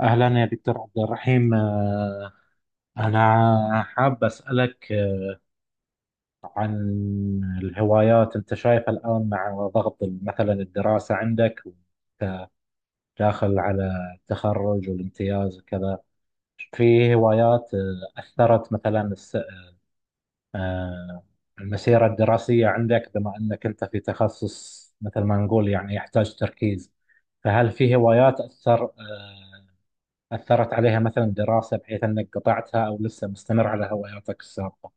أهلا يا دكتور عبد الرحيم، أنا حاب أسألك عن الهوايات. أنت شايف الآن مع ضغط مثلا الدراسة عندك داخل على التخرج والامتياز وكذا، في هوايات أثرت مثلا آه، المسيرة الدراسية عندك، بما أنك أنت في تخصص مثل ما نقول يعني يحتاج تركيز، فهل في هوايات أثرت عليها مثلا دراسة، بحيث أنك قطعتها أو لسه مستمر على هواياتك السابقة؟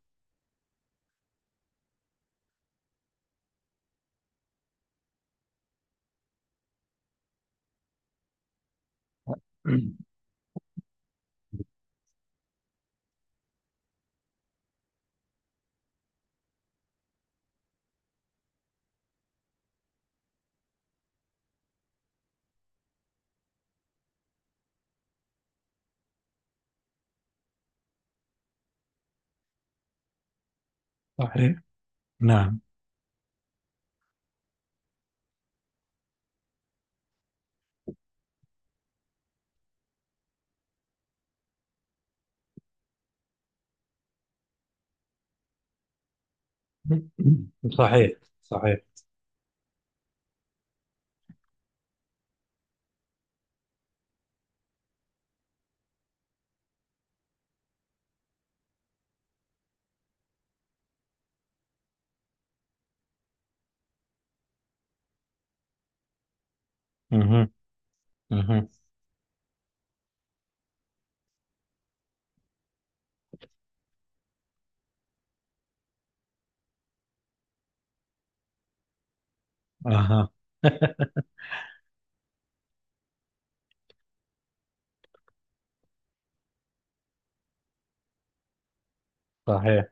صحيح. نعم. صحيح. صحيح. اها. اها. اها. صحيح.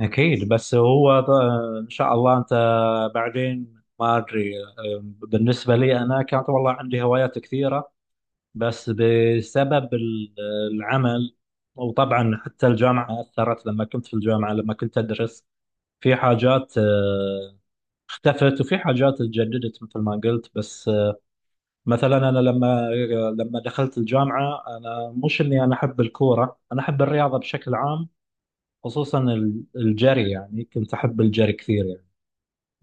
اكيد. بس ان شاء الله انت بعدين ما ادري. بالنسبه لي انا كانت والله عندي هوايات كثيره، بس بسبب العمل، وطبعا حتى الجامعه اثرت، لما كنت في الجامعه لما كنت ادرس في حاجات اختفت وفي حاجات اتجددت مثل ما قلت. بس مثلا انا لما دخلت الجامعه، انا مش اني انا احب الكوره، انا احب الرياضه بشكل عام، خصوصا الجري. يعني كنت احب الجري كثير يعني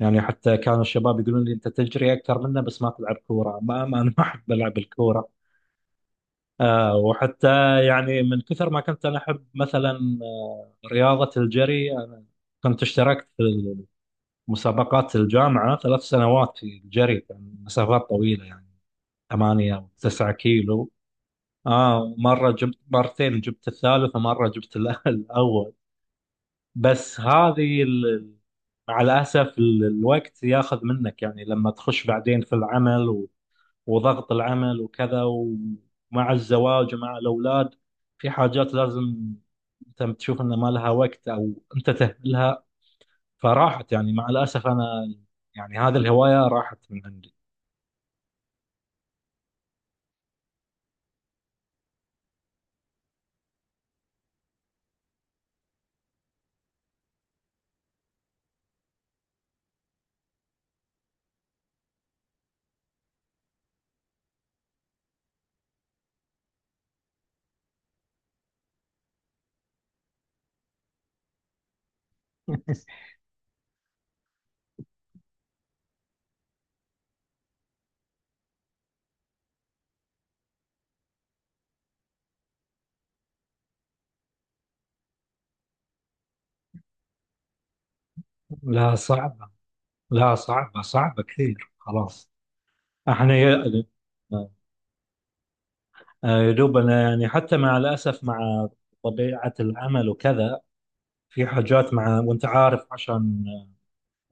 يعني حتى كانوا الشباب يقولون لي انت تجري اكثر منا، بس ما تلعب كوره. ما انا ما احب العب الكوره. وحتى يعني من كثر ما كنت انا احب مثلا رياضه الجري. كنت اشتركت في مسابقات الجامعه 3 سنوات في الجري، كان مسافات طويله يعني، 8 أو 9 كيلو. آه، مرة جبت مرتين، جبت الثالث، ومرة جبت الأول. بس هذه مع الأسف الوقت ياخذ منك يعني، لما تخش بعدين في العمل وضغط العمل وكذا، ومع الزواج ومع الأولاد، في حاجات لازم أنت تشوف أن ما لها وقت، أو أنت تهملها، فراحت يعني. مع الأسف، أنا يعني هذه الهواية راحت من عندي. لا، صعبة. لا، صعبة، صعبة كثير. خلاص. احنا يا يا دوب انا يعني، حتى مع الاسف مع طبيعه العمل وكذا، في حاجات، مع وانت عارف، عشان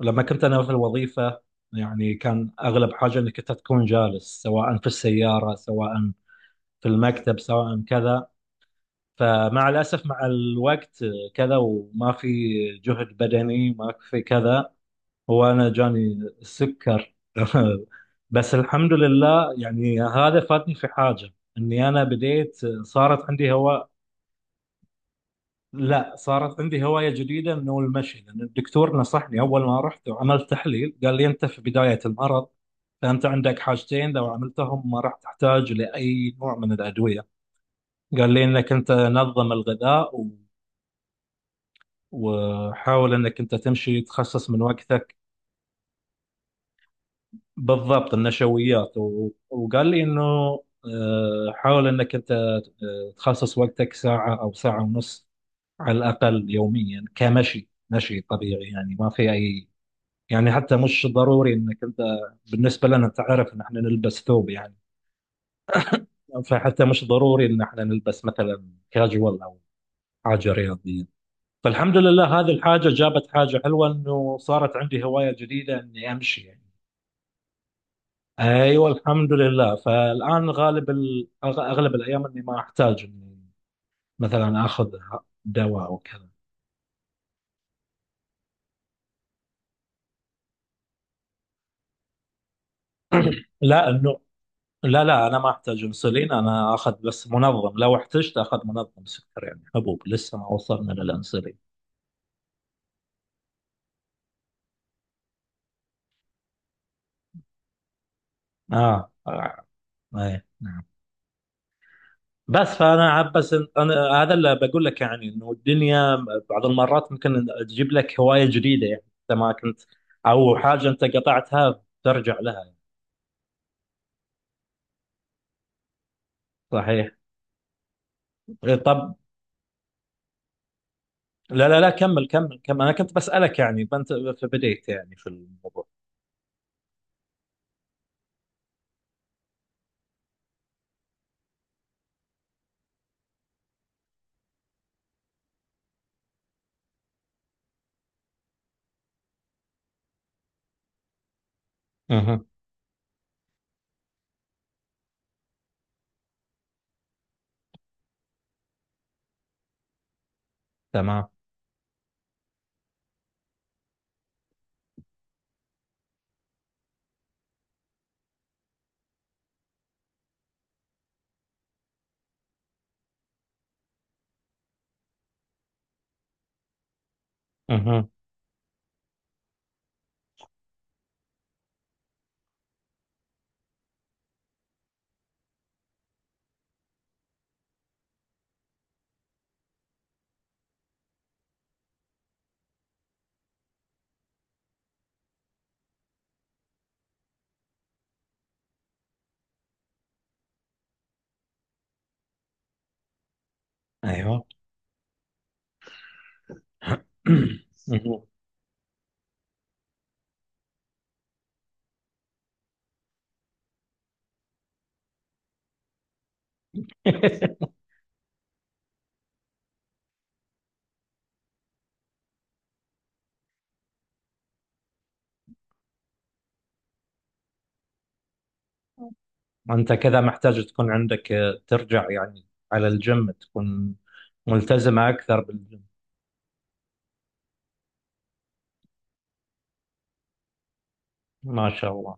لما كنت انا في الوظيفه، يعني كان اغلب حاجه انك انت تكون جالس، سواء في السياره، سواء في المكتب، سواء كذا. فمع الاسف مع الوقت كذا، وما في جهد بدني، ما في كذا. هو أنا جاني السكر. بس الحمد لله يعني هذا فاتني في حاجة، إني أنا بديت، صارت عندي هواء. لا، صارت عندي هواية جديدة، إنه المشي. لأن الدكتور نصحني، أول ما رحت وعملت تحليل قال لي: أنت في بداية المرض، فأنت عندك حاجتين، لو عملتهم ما راح تحتاج لأي نوع من الأدوية. قال لي: إنك أنت نظم الغذاء وحاول إنك أنت تمشي، تخصص من وقتك. بالضبط، النشويات. وقال لي انه حاول انك انت تخصص وقتك ساعة او ساعة ونص على الاقل يوميا، كمشي، مشي طبيعي يعني، ما في اي يعني، حتى مش ضروري انك انت. بالنسبة لنا انت عارف ان احنا نلبس ثوب يعني، فحتى مش ضروري ان احنا نلبس مثلا كاجوال او حاجة رياضية. فالحمد لله هذه الحاجة جابت حاجة حلوة، انه صارت عندي هواية جديدة اني امشي يعني. ايوه، الحمد لله فالان اغلب الايام اني ما احتاج اني مثلا اخذ دواء او كذا. لا، انه. لا، لا، انا ما احتاج انسولين، انا اخذ بس منظم، لو احتجت اخذ منظم سكر يعني، حبوب، لسه ما وصلنا للانسولين. اه، آه. أي. نعم. بس فانا عب- بس إن- انا هذا اللي بقول لك يعني، انه الدنيا بعض المرات ممكن تجيب لك هوايه جديده، يعني انت ما كنت، او حاجه انت قطعتها ترجع لها يعني. صحيح. طب، لا، لا، لا، كمل كمل كمل. أنا كنت بسألك يعني بنت، فبديت يعني في الموضوع. اها. تمام. اها. أيوه. أها. أنت كذا محتاج تكون عندك ترجع يعني على الجيم، تكون ملتزمة أكثر بالجيم. ما شاء الله.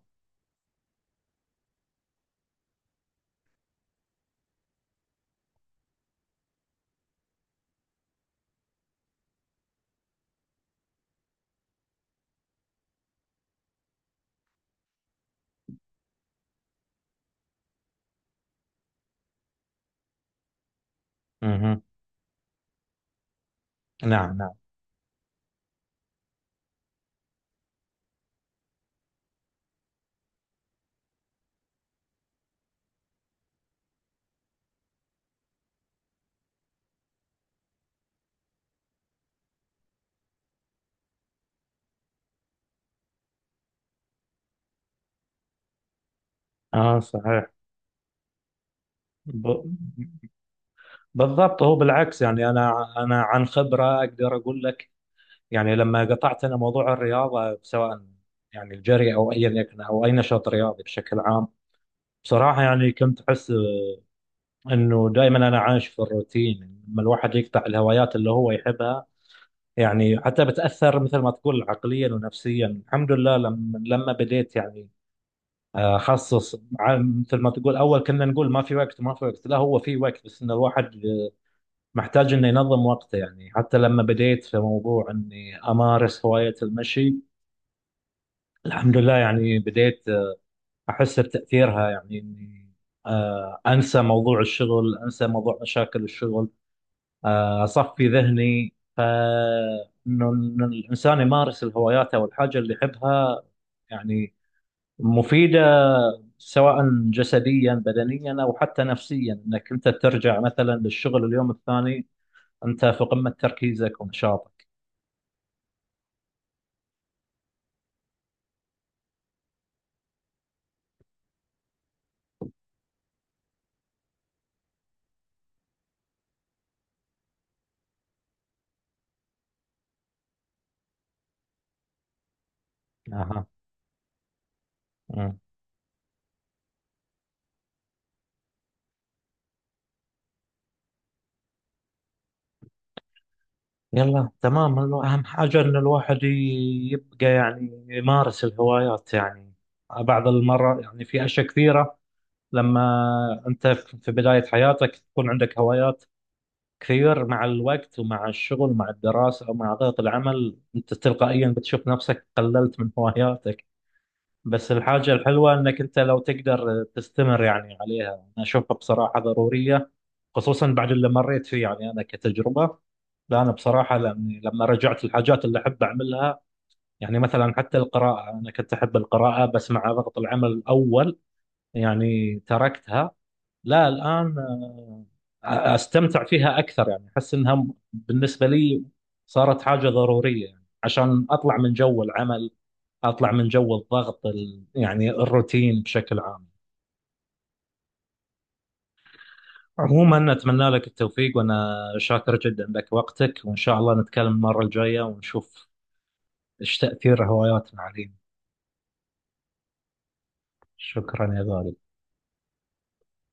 أها. نعم، نعم. آه، صحيح. ب... بالضبط. هو بالعكس يعني، أنا عن خبرة أقدر أقول لك، يعني لما قطعت أنا موضوع الرياضة، سواء يعني الجري أو أيا يكن، أو أي نشاط رياضي بشكل عام، بصراحة يعني كنت أحس إنه دائما أنا عايش في الروتين. لما الواحد يقطع الهوايات اللي هو يحبها، يعني حتى بتأثر مثل ما تقول عقليا ونفسيا. الحمد لله لما بديت يعني أخصص، مثل ما تقول، أول كنا نقول ما في وقت، ما في وقت. لا، هو في وقت، بس إن الواحد محتاج إنه ينظم وقته يعني. حتى لما بديت في موضوع إني أمارس هواية المشي، الحمد لله يعني بديت احس بتاثيرها، يعني اني انسى موضوع الشغل، انسى موضوع مشاكل الشغل، اصفي ذهني. ف إنه الانسان يمارس الهوايات او الحاجه اللي يحبها، يعني مفيده، سواء جسديا بدنيا، او حتى نفسيا، انك انت ترجع مثلا للشغل اليوم الثاني، انت في قمه تركيزك ونشاطك. اها. يلا، تمام. هو أهم حاجة إن الواحد يبقى يعني يمارس الهوايات يعني. بعض المرة يعني في أشياء كثيرة، لما أنت في بداية حياتك تكون عندك هوايات كثير، مع الوقت ومع الشغل ومع الدراسة ومع ضغط العمل، أنت تلقائيا بتشوف نفسك قللت من هواياتك. بس الحاجة الحلوة إنك أنت لو تقدر تستمر يعني عليها، أنا أشوفها بصراحة ضرورية، خصوصا بعد اللي مريت فيه يعني انا كتجربه. لا، انا بصراحه لاني لما رجعت الحاجات اللي احب اعملها، يعني مثلا حتى القراءه انا كنت احب القراءه، بس مع ضغط العمل الاول يعني تركتها. لا، الان استمتع فيها اكثر، يعني احس انها بالنسبه لي صارت حاجه ضروريه يعني، عشان اطلع من جو العمل، اطلع من جو الضغط، يعني الروتين بشكل عام. عموما أتمنى لك التوفيق، وأنا شاكر جدا لك وقتك، وإن شاء الله نتكلم المرة الجاية ونشوف إيش تأثير هواياتنا علينا. شكرا يا غالي.